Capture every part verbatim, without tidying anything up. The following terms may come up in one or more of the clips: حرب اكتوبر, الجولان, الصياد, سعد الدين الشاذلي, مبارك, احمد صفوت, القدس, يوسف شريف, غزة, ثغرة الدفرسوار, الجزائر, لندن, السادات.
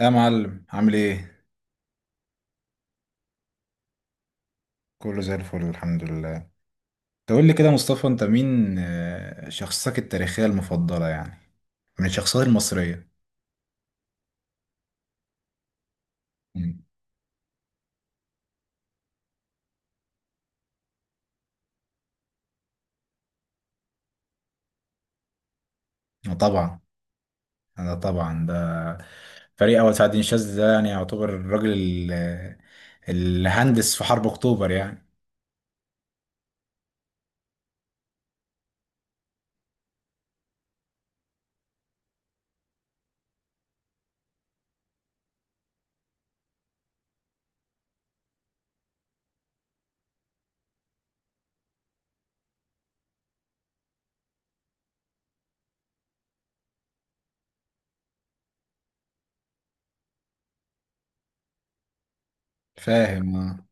يا معلم، عامل ايه؟ كله زي الفل الحمد لله. تقول لي كده يا مصطفى، انت مين آه، شخصيتك التاريخية المفضلة يعني من الشخصيات المصرية؟ مم. آه، طبعا. انا طبعا ده فريق اول سعد الشاذلي ده يعني يعتبر الراجل ال- اللي هندس في حرب اكتوبر يعني. فاهم آه.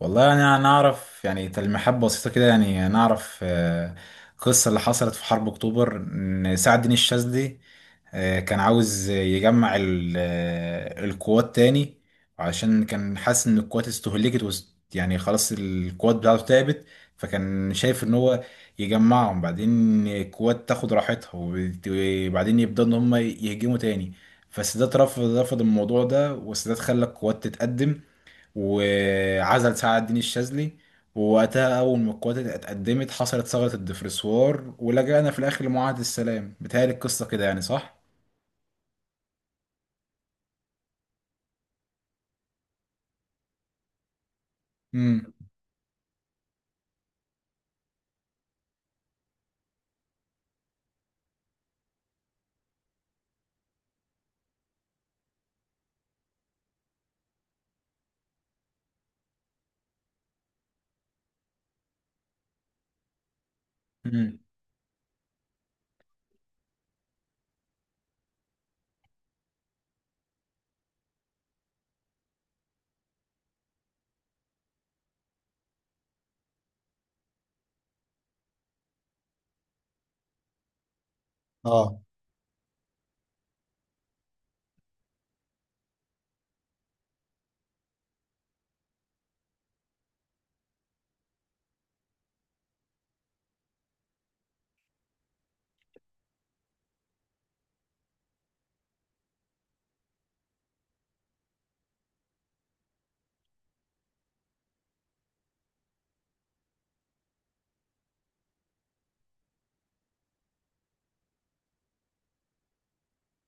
والله انا يعني اعرف يعني تلميحات بسيطه كده يعني نعرف، آه، قصه اللي حصلت في حرب اكتوبر ان سعد الدين الشاذلي آه، كان عاوز يجمع ال- آه، القوات تاني، عشان كان حاسس ان القوات استهلكت وس- يعني خلاص القوات بتاعته تعبت. فكان شايف ان هو يجمعهم، بعدين القوات تاخد راحتها وبت- وبعدين يبدأوا ان هم يهجموا تاني. فالسادات رفض، رفض الموضوع ده، والسادات خلى القوات تتقدم وعزل سعد الدين الشاذلي. ووقتها أول ما القوات اتقدمت حصلت ثغرة الدفرسوار، ولجأنا في الآخر لمعاهدة السلام. بتهيألي القصة كده يعني، صح؟ امم. امم. اه.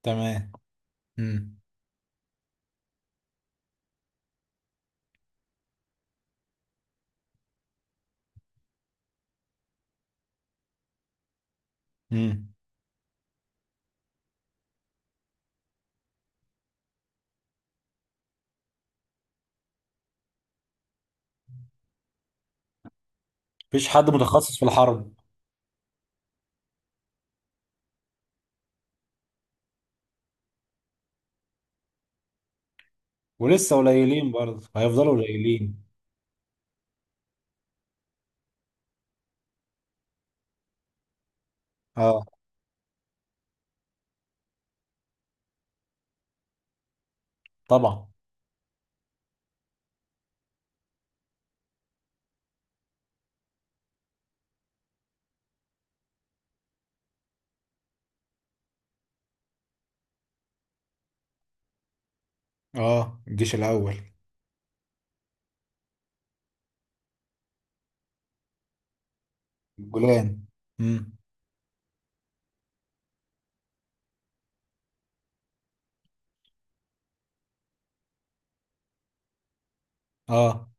تمام. امم. امم. مفيش حد متخصص في الحرب. ولسه قليلين، برضه هيفضلوا قليلين. اه طبعا. اه، الجيش الاول. الجولان. امم. اه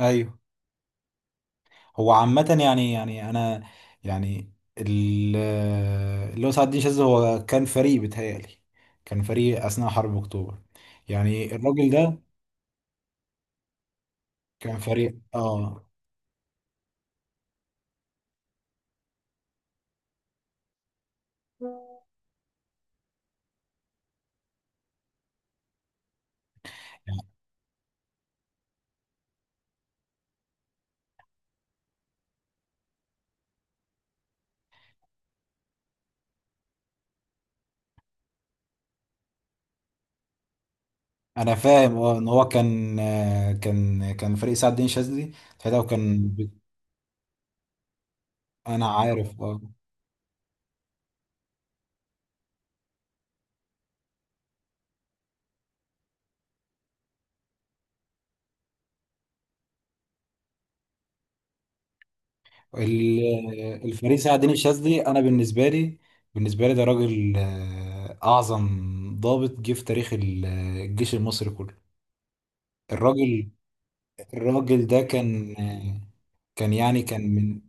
ايوه. هو عامة يعني، يعني انا يعني ال- اللي هو سعد الدين شاذلي، هو كان فريق بيتهيألي. كان فريق اثناء حرب اكتوبر يعني، الراجل ده كان فريق اه. انا فاهم اه ان هو كان، آه، كان كان فريق سعد الدين شاذلي ساعتها، وكان بي- انا عارف اه. ال- الفريق سعد الدين الشاذلي، انا بالنسبه لي، بالنسبه لي ده راجل آه، اعظم ضابط جه في تاريخ ال- الجيش المصري كله. الراجل، الراجل ده كان كان يعني كان من.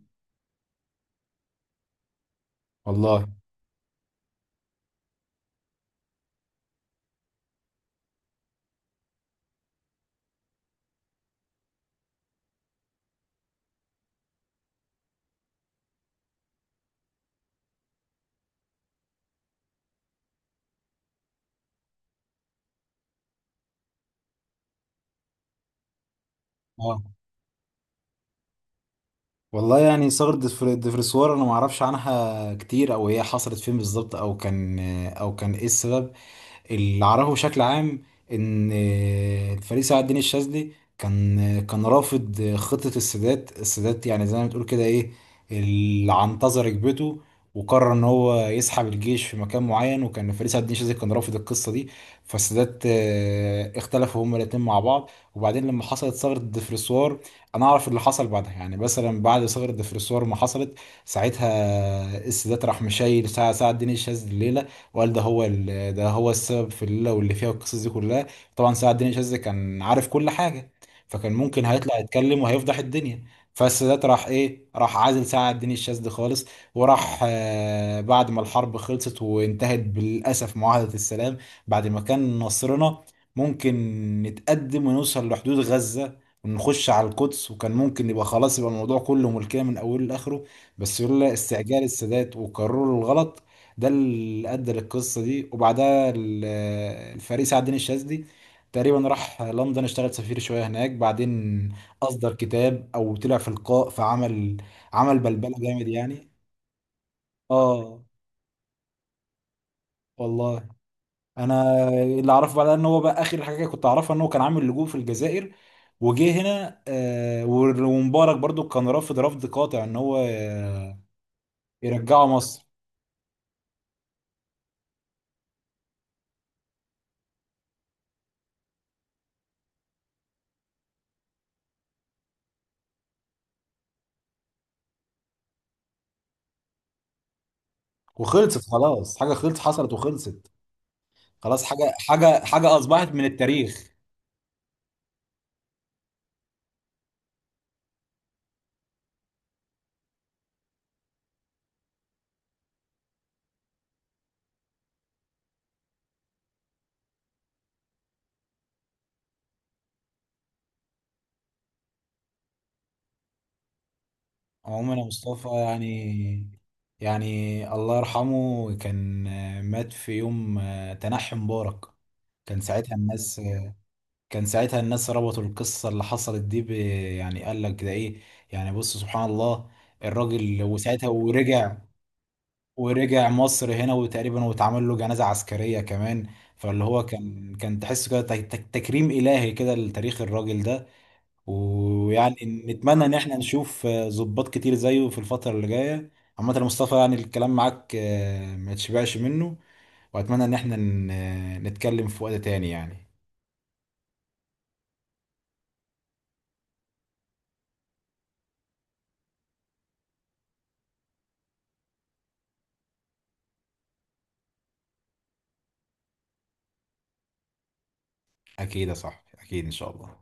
والله. اه والله يعني ثورة دفر- دفرسوار انا ما اعرفش عنها كتير، او هي حصلت فين بالظبط، او كان، او كان ايه السبب. اللي اعرفه بشكل عام ان الفريق سعد الدين الشاذلي كان كان رافض خطة السادات. السادات يعني زي ما بتقول كده ايه، اللي عنتظر ركبته، وقرر ان هو يسحب الجيش في مكان معين، وكان فريق سعد الدين الشاذلي كان رافض القصة دي. فالسادات آه، اختلفوا هما الاتنين مع بعض. وبعدين لما حصلت ثغرة الدفرسوار، انا اعرف اللي حصل بعدها، يعني مثلا بعد ثغرة الدفرسوار ما حصلت، ساعتها السادات راح مشايل سعد سعد الدين الشاذلي الليلة، وقال ده هو ال... ده هو السبب في الليله واللي فيها القصص دي كلها. طبعا سعد الدين شاذلي كان عارف كل حاجه، فكان ممكن هيطلع يتكلم وهيفضح الدنيا. فالسادات راح ايه، راح عازل سعد الدين الشاذلي خالص. وراح آه بعد ما الحرب خلصت وانتهت بالاسف معاهده السلام، بعد ما كان نصرنا ممكن نتقدم ونوصل لحدود غزه ونخش على القدس، وكان ممكن يبقى خلاص، يبقى الموضوع كله ملكية من أوله لآخره. بس يقول لا، استعجال السادات وقرروا الغلط ده اللي ادى للقصه دي. وبعدها ال- الفريق سعد الدين الشاذلي تقريبا راح لندن اشتغل سفير شويه هناك، بعدين اصدر كتاب او طلع في لقاء، فعمل عمل بلبله جامد يعني. اه والله. انا اللي اعرفه بعدها ان هو بقى اخر حاجه كنت اعرفها، ان هو كان عامل لجوء في الجزائر، وجه هنا، آه، ومبارك برضو كان رافض رفض قاطع ان هو آه، يرجعه مصر. وخلصت خلاص، حاجه خلصت حصلت وخلصت. خلاص، حاجة حاجة حاجة أصبحت من التاريخ. عموما يا مصطفى يعني، يعني الله يرحمه كان آه، مات في يوم آه، تنحي مبارك. كان ساعتها الناس، كان ساعتها الناس ربطوا القصة اللي حصلت دي ب، يعني قال لك ده إيه، يعني بص سبحان الله. الراجل وساعتها ورجع، ورجع مصر هنا، وتقريبا واتعمل له جنازة عسكرية كمان. فاللي هو كان كان تحس كده تك- تك- تكريم إلهي كده لتاريخ الراجل ده. ويعني نتمنى ان احنا نشوف آه، ضباط كتير زيه في الفترة اللي جاية. عامة يا مصطفى يعني، الكلام معاك آه، ما تشبعش منه. واتمنى ان احنا ن- آه، نتكلم في وقت تاني يعني. اكيد يا صاحبي، اكيد ان شاء الله.